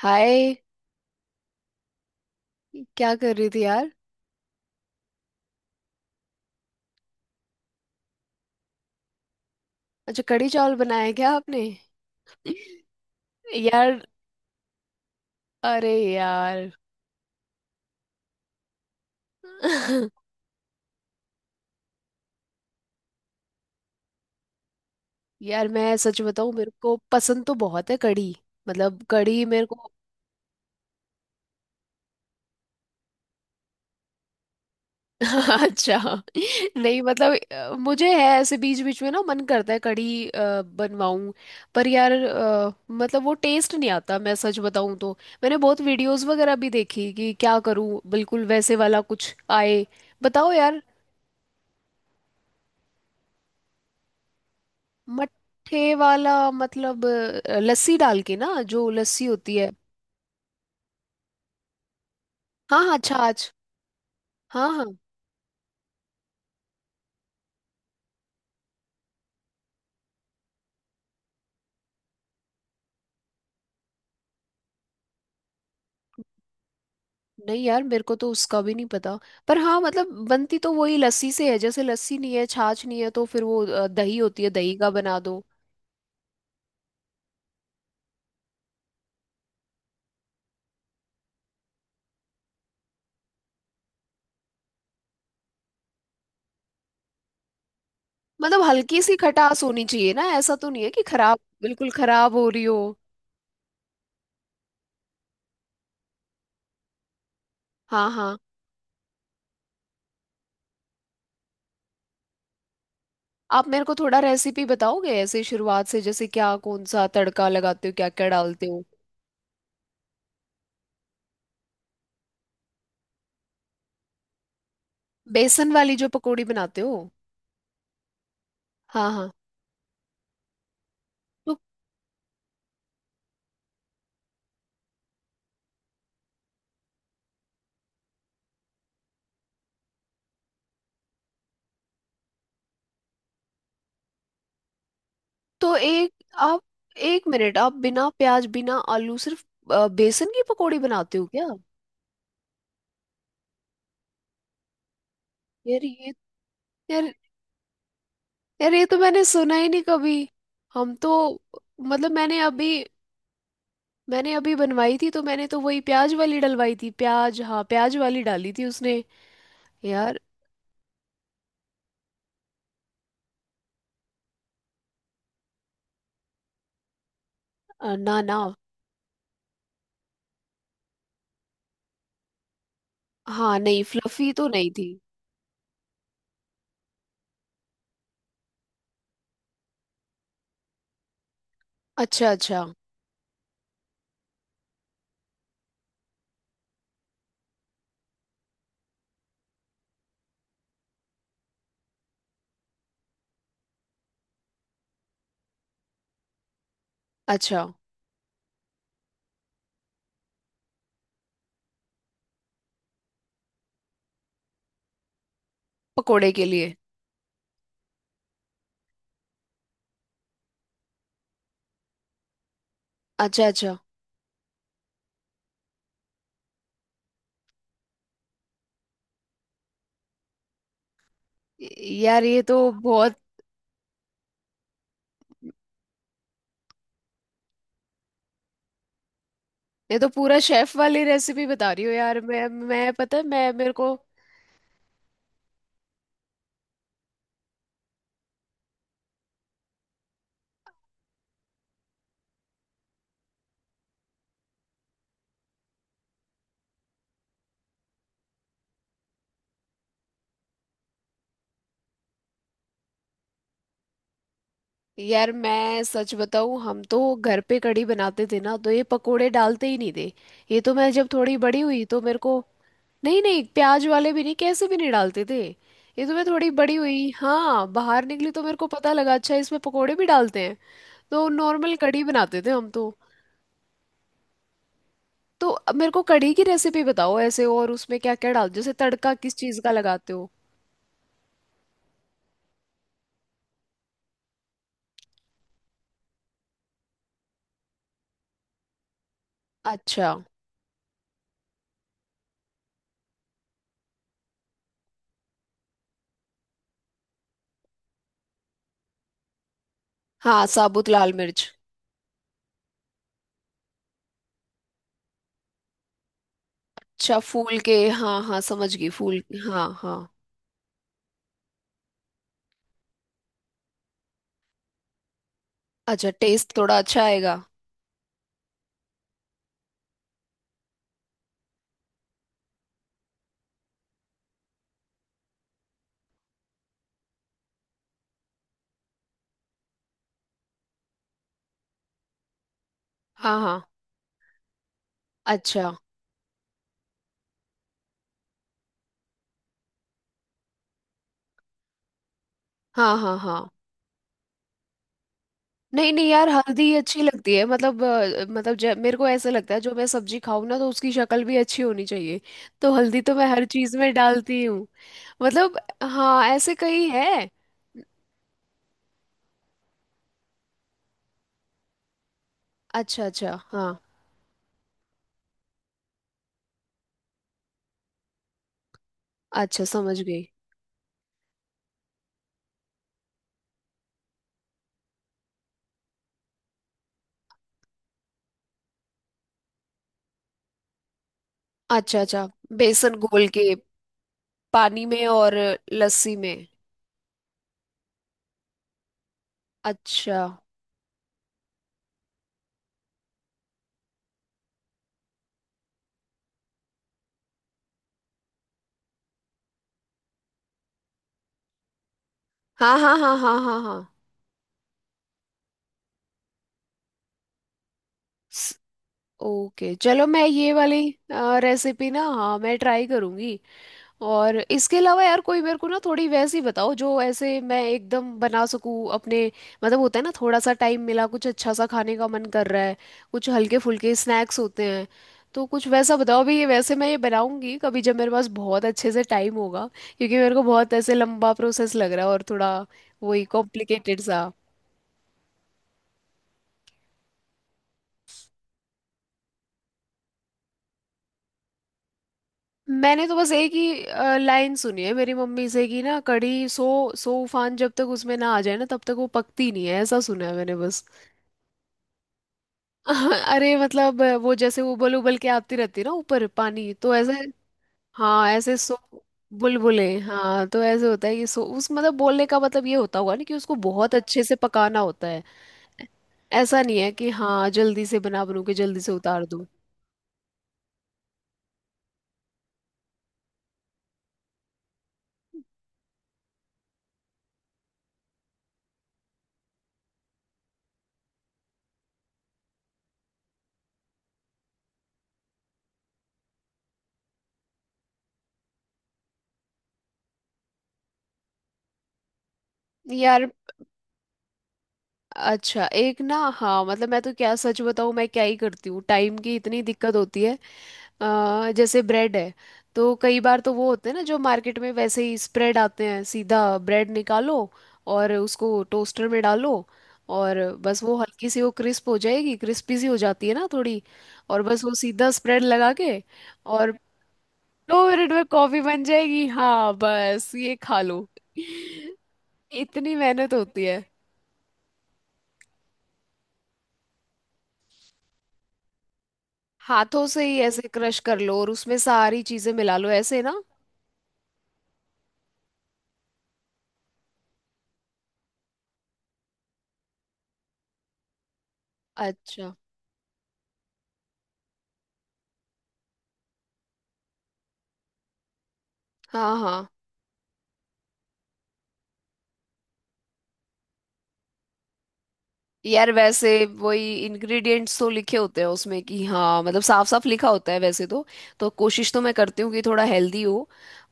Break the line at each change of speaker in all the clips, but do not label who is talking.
हाय। क्या कर रही थी यार। अच्छा, कढ़ी चावल बनाया है क्या आपने। यार। अरे यार। यार मैं सच बताऊं, मेरे को पसंद तो बहुत है कढ़ी। मतलब कढ़ी मेरे को। अच्छा। नहीं मतलब मुझे है ऐसे बीच बीच में ना मन करता है कढ़ी बनवाऊं। पर यार मतलब वो टेस्ट नहीं आता, मैं सच बताऊं तो। मैंने बहुत वीडियोस वगैरह भी देखी कि क्या करूं बिल्कुल वैसे वाला कुछ आए। बताओ यार। मट्ठे वाला मतलब लस्सी डाल के ना, जो लस्सी होती है। हाँ हाँ, छाछ। हाँ हाँ। नहीं यार, मेरे को तो उसका भी नहीं पता। पर हाँ, मतलब बनती तो वही लस्सी से है। जैसे लस्सी नहीं है, छाछ नहीं है, तो फिर वो दही होती है, दही का बना दो। मतलब हल्की सी खटास होनी चाहिए ना। ऐसा तो नहीं है कि खराब बिल्कुल खराब हो रही हो। हाँ हाँ। आप मेरे को थोड़ा रेसिपी बताओगे ऐसे शुरुआत से? जैसे क्या, कौन सा तड़का लगाते हो, क्या क्या डालते हो। बेसन वाली जो पकौड़ी बनाते हो? हाँ हाँ। तो तो आप एक मिनट, आप बिना प्याज बिना आलू सिर्फ बेसन की पकौड़ी बनाते हो क्या? यार ये यार यार ये तो मैंने सुना ही नहीं कभी। हम तो मतलब मैंने अभी बनवाई थी तो मैंने तो वही प्याज वाली डलवाई थी। प्याज, हाँ प्याज वाली डाली थी उसने। यार ना ना। हाँ, नहीं फ्लफी तो नहीं थी। अच्छा अच्छा। अच्छा, पकोड़े के लिए? अच्छा अच्छा। यार ये तो बहुत। ये तो पूरा शेफ वाली रेसिपी बता रही हो यार। मैं पता है, मैं मेरे को। यार मैं सच बताऊं, हम तो घर पे कढ़ी बनाते थे ना, तो ये पकोड़े डालते ही नहीं थे। ये तो मैं जब थोड़ी बड़ी हुई तो मेरे को। नहीं नहीं, प्याज वाले भी नहीं, कैसे भी नहीं डालते थे। ये तो मैं थोड़ी बड़ी हुई, हाँ, बाहर निकली तो मेरे को पता लगा, अच्छा इसमें पकोड़े भी डालते हैं। तो नॉर्मल कढ़ी बनाते थे हम तो। तो अब मेरे को कढ़ी की रेसिपी बताओ ऐसे, और उसमें क्या क्या डाल, जैसे तड़का किस चीज़ का लगाते हो। अच्छा। हाँ, साबुत लाल मिर्च। अच्छा, फूल के, हाँ हाँ समझ गई, फूल। हाँ हाँ। अच्छा, टेस्ट थोड़ा अच्छा आएगा। हाँ हाँ। अच्छा। हाँ हाँ हाँ। नहीं नहीं यार, हल्दी अच्छी लगती है। मतलब जब मेरे को ऐसा लगता है जो मैं सब्जी खाऊं ना, तो उसकी शक्ल भी अच्छी होनी चाहिए। तो हल्दी तो मैं हर चीज में डालती हूँ। मतलब हाँ, ऐसे कई है। अच्छा अच्छा, हाँ। अच्छा, समझ गई। अच्छा अच्छा। बेसन घोल के पानी में, और लस्सी में। अच्छा। हाँ हाँ हाँ हाँ हाँ हाँ। स- ओके चलो मैं ये वाली रेसिपी, ना, हाँ मैं ट्राई करूँगी। और इसके अलावा यार, कोई मेरे को ना थोड़ी वैसी बताओ जो ऐसे मैं एकदम बना सकूँ अपने। मतलब होता है ना, थोड़ा सा टाइम मिला, कुछ अच्छा सा खाने का मन कर रहा है। कुछ हल्के फुल्के स्नैक्स होते हैं। तो कुछ वैसा बताओ भी, ये वैसे मैं ये बनाऊंगी कभी जब मेरे पास बहुत अच्छे से टाइम होगा। क्योंकि मेरे को बहुत ऐसे लंबा प्रोसेस लग रहा है, और थोड़ा वही कॉम्प्लिकेटेड सा। मैंने तो बस एक ही लाइन सुनी है मेरी मम्मी से, कि ना, कढ़ी सो उफान जब तक उसमें ना आ जाए ना, तब तक वो पकती नहीं है, ऐसा सुना है मैंने बस। अरे मतलब वो जैसे उबल उबल के आती रहती है ना ऊपर पानी, तो ऐसे। हाँ ऐसे सो। बुलबुले, हाँ, तो ऐसे होता है कि सो उस मतलब, बोलने का मतलब ये होता होगा ना कि उसको बहुत अच्छे से पकाना होता है। ऐसा नहीं है कि हाँ जल्दी से बना बनू के जल्दी से उतार दूं। यार। अच्छा एक ना, हाँ मतलब मैं तो क्या सच बताऊँ, मैं क्या ही करती हूँ, टाइम की इतनी दिक्कत होती है। जैसे ब्रेड है, तो कई बार तो वो होते हैं ना जो मार्केट में वैसे ही स्प्रेड आते हैं सीधा। ब्रेड निकालो और उसको टोस्टर में डालो, और बस वो हल्की सी वो क्रिस्प हो जाएगी, क्रिस्पी सी हो जाती है ना थोड़ी। और बस वो सीधा स्प्रेड लगा के, और 2 मिनट में कॉफी बन जाएगी, हाँ बस ये खा लो। इतनी मेहनत होती है। हाथों से ही ऐसे क्रश कर लो और उसमें सारी चीजें मिला लो ऐसे ना। अच्छा। हाँ हाँ। यार वैसे, वही इंग्रेडिएंट्स तो लिखे होते हैं उसमें कि, हाँ मतलब साफ साफ लिखा होता है वैसे तो। तो कोशिश तो मैं करती हूँ कि थोड़ा हेल्दी हो।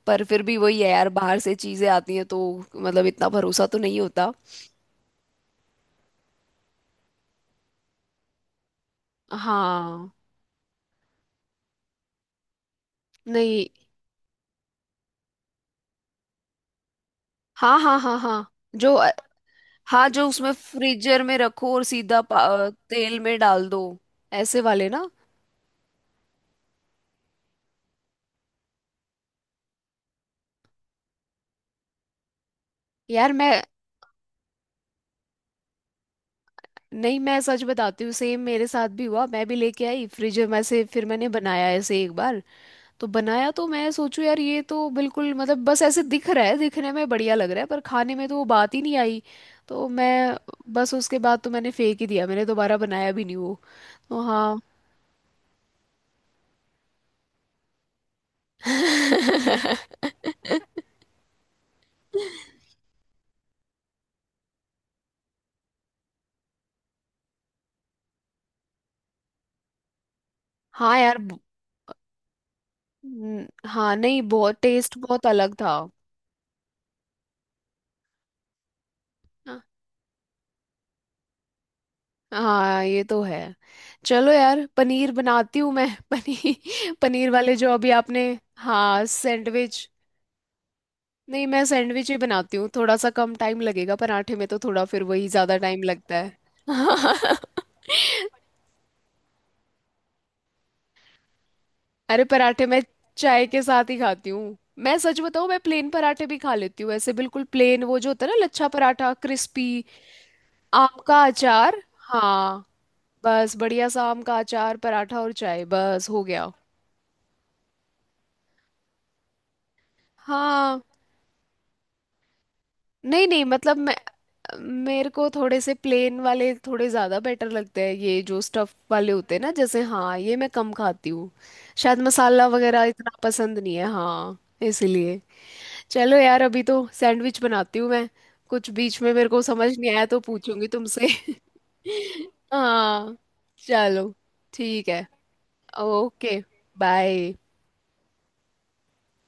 पर फिर भी वही है यार, बाहर से चीजें आती हैं तो। मतलब इतना भरोसा तो नहीं होता। हाँ। नहीं। हाँ हाँ हाँ हाँ। जो हाँ, जो उसमें फ्रीजर में रखो और सीधा तेल में डाल दो, ऐसे वाले ना। यार मैं। नहीं मैं सच बताती हूँ, सेम मेरे साथ भी हुआ, मैं भी लेके आई फ्रिज में से, फिर मैंने बनाया ऐसे एक बार। तो बनाया तो मैं सोचू यार, ये तो बिल्कुल मतलब बस ऐसे दिख रहा है, दिखने में बढ़िया लग रहा है, पर खाने में तो वो बात ही नहीं आई। तो मैं। बस उसके बाद तो मैंने फेंक ही दिया, मैंने दोबारा बनाया भी नहीं वो। तो हाँ। हाँ यार हाँ नहीं, बहुत टेस्ट बहुत अलग था। हाँ ये तो है। चलो यार, पनीर बनाती हूँ मैं। पनीर, पनीर वाले जो अभी आपने। हाँ सैंडविच। नहीं मैं सैंडविच ही बनाती हूँ, थोड़ा सा कम टाइम लगेगा, पराठे में तो थोड़ा फिर वही ज्यादा टाइम लगता है। अरे पराठे मैं चाय के साथ ही खाती हूँ। मैं सच बताऊँ, मैं प्लेन पराठे भी खा लेती हूँ, ऐसे बिल्कुल प्लेन, वो जो होता है ना लच्छा पराठा, क्रिस्पी। आम का अचार। हाँ, बस बढ़िया सा आम का अचार, पराठा और चाय, बस हो गया। हाँ नहीं नहीं मतलब मैं मेरे को थोड़े से प्लेन वाले थोड़े ज़्यादा बेटर लगते हैं, ये जो स्टफ वाले होते हैं ना जैसे, हाँ ये मैं कम खाती हूँ। शायद मसाला वगैरह इतना पसंद नहीं है, हाँ। इसीलिए। चलो यार, अभी तो सैंडविच बनाती हूँ मैं। कुछ बीच में मेरे को समझ नहीं आया तो पूछूंगी तुमसे। हाँ। चलो ठीक है, ओके, बाय।